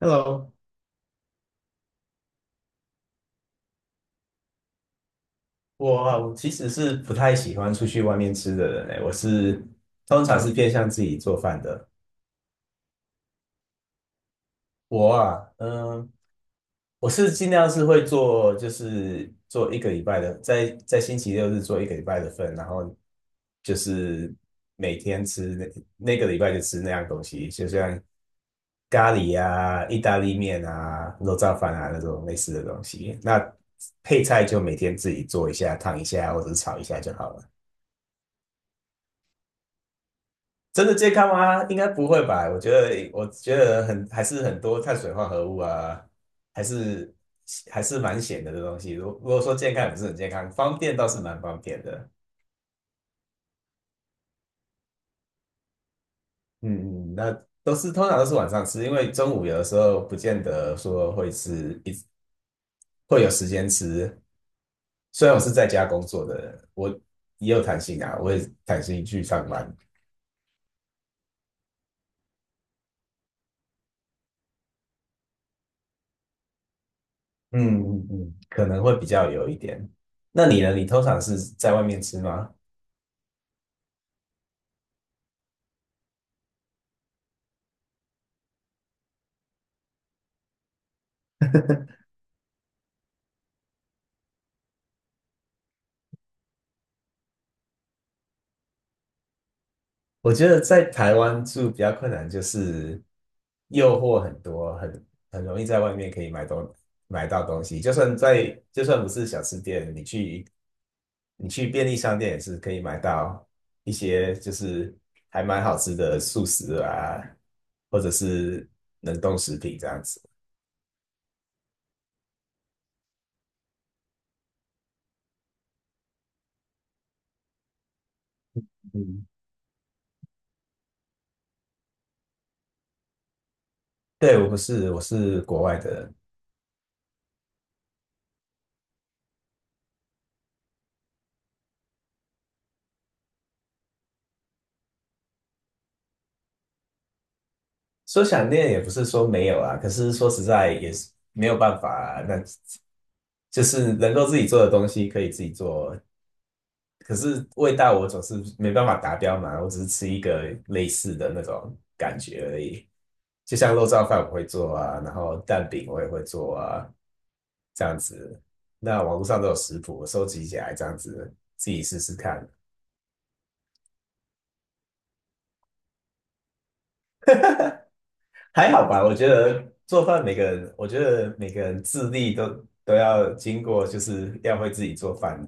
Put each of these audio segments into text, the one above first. Hello，我其实是不太喜欢出去外面吃的人诶，我通常是偏向自己做饭的。我啊，我尽量会做，就是做一个礼拜的，在星期六日做一个礼拜的份，然后就是每天吃那个礼拜就吃那样东西，就像咖喱啊、意大利面啊、肉燥饭啊那种类似的东西。那配菜就每天自己做一下、烫一下或者是炒一下就好了。真的健康吗？应该不会吧？我觉得很还是很多碳水化合物啊，还是还是蛮咸的这东西。如果说健康也不是很健康，方便倒是蛮方便的。嗯嗯。通常都是晚上吃，因为中午有的时候不见得说会吃，会有时间吃。虽然我是在家工作的人，我也有弹性啊，我也弹性去上班。嗯嗯嗯，可能会比较有一点。那你呢？你通常是在外面吃吗？我觉得在台湾住比较困难，就是诱惑很多，很容易在外面可以买到东西。就算不是小吃店，你去便利商店也是可以买到一些就是还蛮好吃的素食啊，或者是冷冻食品这样子。嗯，对，我不是，我是国外的人。说想念也不是说没有啊，可是说实在也是没有办法啊，那就是能够自己做的东西可以自己做，可是味道我总是没办法达标嘛，我只是吃一个类似的那种感觉而已。就像肉燥饭我会做啊，然后蛋饼我也会做啊，这样子。那网络上都有食谱，我收集起来这样子自己试试看。还好吧？我觉得每个人自立都要经过，就是要会自己做饭。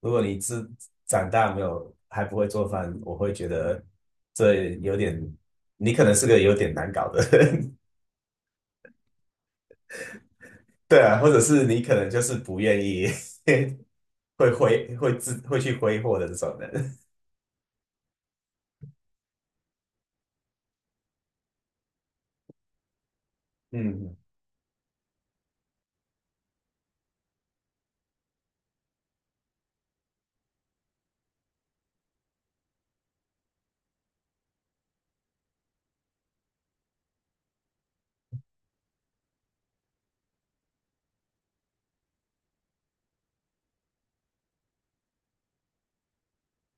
如果你长大没有还不会做饭，我会觉得这有点，你可能是个有点难搞的人，对啊，或者是你可能就是不愿意 会去挥霍的这种人，嗯，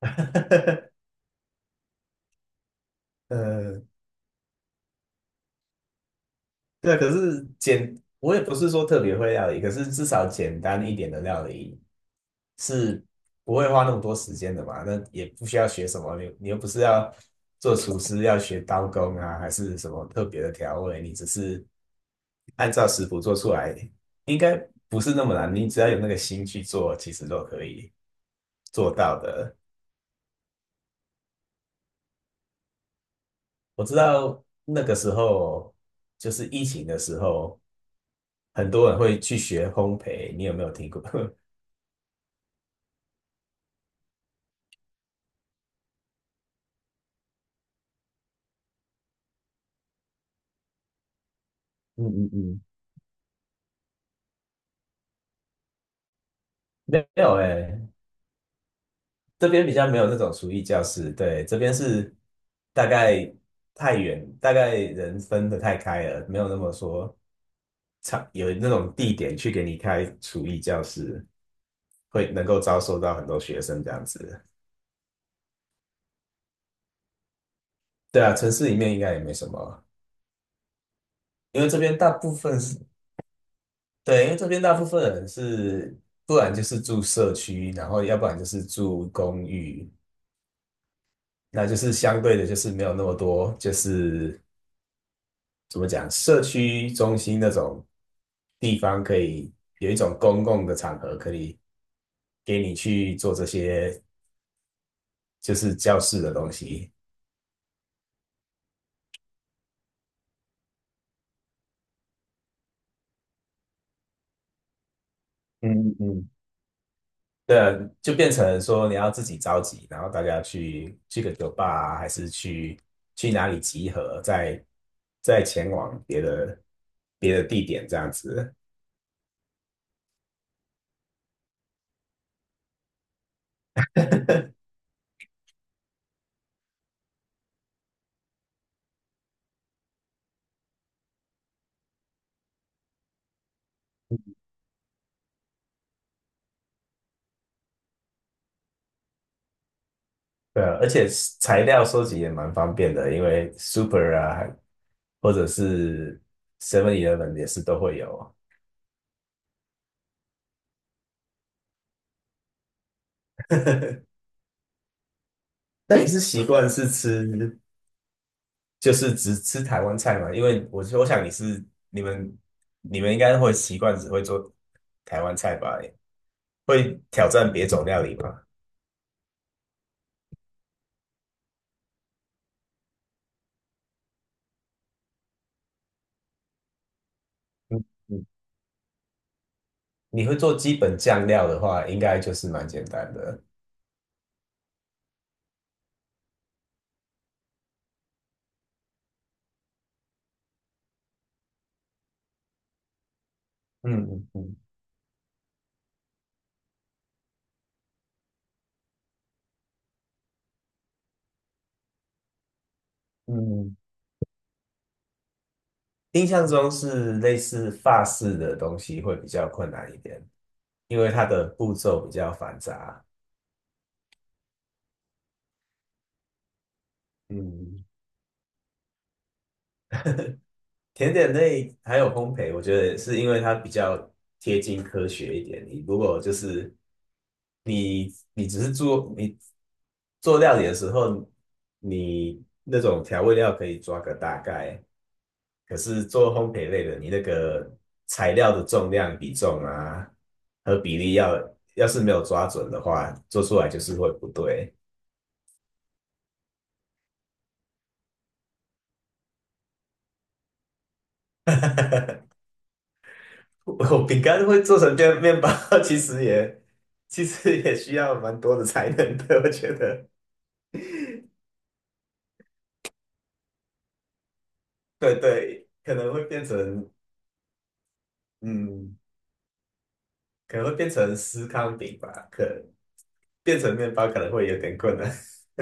呃，对。可是简，我也不是说特别会料理，可是至少简单一点的料理是不会花那么多时间的嘛。那也不需要学什么，你又不是要做厨师，要学刀工啊，还是什么特别的调味，你只是按照食谱做出来，应该不是那么难。你只要有那个心去做，其实都可以做到的。我知道那个时候就是疫情的时候，很多人会去学烘焙，你有没有听过？嗯嗯嗯，没有哎、这边比较没有那种厨艺教室，对，这边是大概太远，大概人分的太开了，没有那么说场有那种地点去给你开厨艺教室，会能够招收到很多学生这样子。对啊，城市里面应该也没什么，因为这边大部分是，对，因为这边大部分人是，不然就是住社区，然后要不然就是住公寓。那就是相对的，就是没有那么多，就是怎么讲，社区中心那种地方，可以有一种公共的场合，可以给你去做这些就是教室的东西。嗯嗯嗯，对啊，就变成说你要自己召集，然后大家去个酒吧啊，还是去哪里集合，再前往别的地点这样子。对啊，而且材料收集也蛮方便的，因为 Super 啊，或者是 Seven Eleven 也是都会有。那你是习惯是吃，就是只吃台湾菜吗？因为我想你们你们应该会习惯只会做台湾菜吧？会挑战别种料理吗？嗯嗯，你会做基本酱料的话，应该就是蛮简单的。嗯嗯嗯嗯，印象中是类似法式的东西会比较困难一点，因为它的步骤比较繁杂。嗯。甜点类还有烘焙，我觉得是因为它比较贴近科学一点。你如果就是你你只是做你做料理的时候，你那种调味料可以抓个大概，可是做烘焙类的，你那个材料的重量比重啊和比例要是没有抓准的话，做出来就是会不对。我饼干会做成面包，其实也其实也需要蛮多的才能的，我觉得。对对，可能会变成嗯，可能会变成司康饼吧，可变成面包可能会有点困难，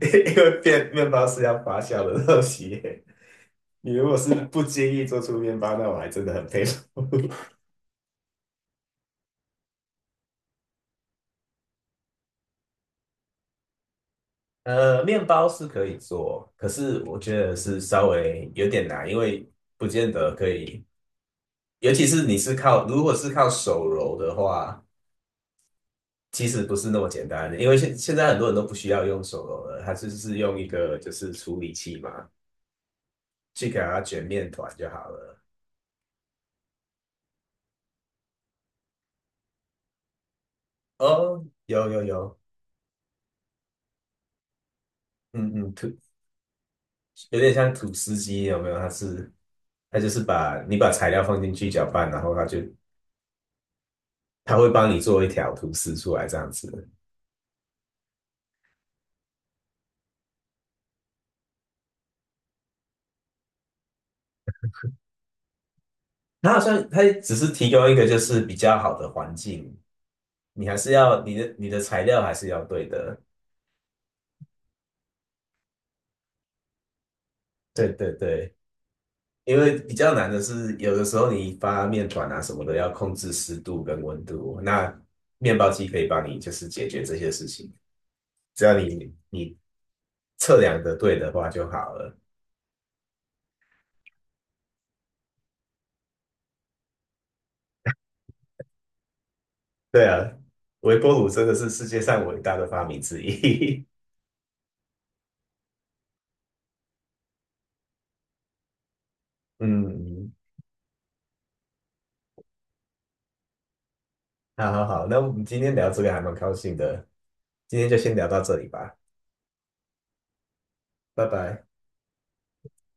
因为变面包是要发酵的东西。你如果是不介意做出面包，那我还真的很佩服。呃，面包是可以做，可是我觉得是稍微有点难，因为不见得可以。尤其是你是靠，如果是靠手揉的话，其实不是那么简单的，因为现在很多人都不需要用手揉了，他就是用一个就是处理器嘛，去给它卷面团就好了。哦，有有有，嗯嗯，有点像吐司机，有没有？它就是把你把材料放进去搅拌，然后它会帮你做一条吐司出来这样子。它好像它只是提供一个就是比较好的环境，你还是要你的材料还是要对的。对对对。因为比较难的是，有的时候你发面团啊什么的，要控制湿度跟温度。那面包机可以帮你就是解决这些事情，只要你测量的对的话就好了。对啊，微波炉真的是世界上伟大的发明之一。嗯，好好好，那我们今天聊这个还蛮高兴的，今天就先聊到这里吧，拜拜。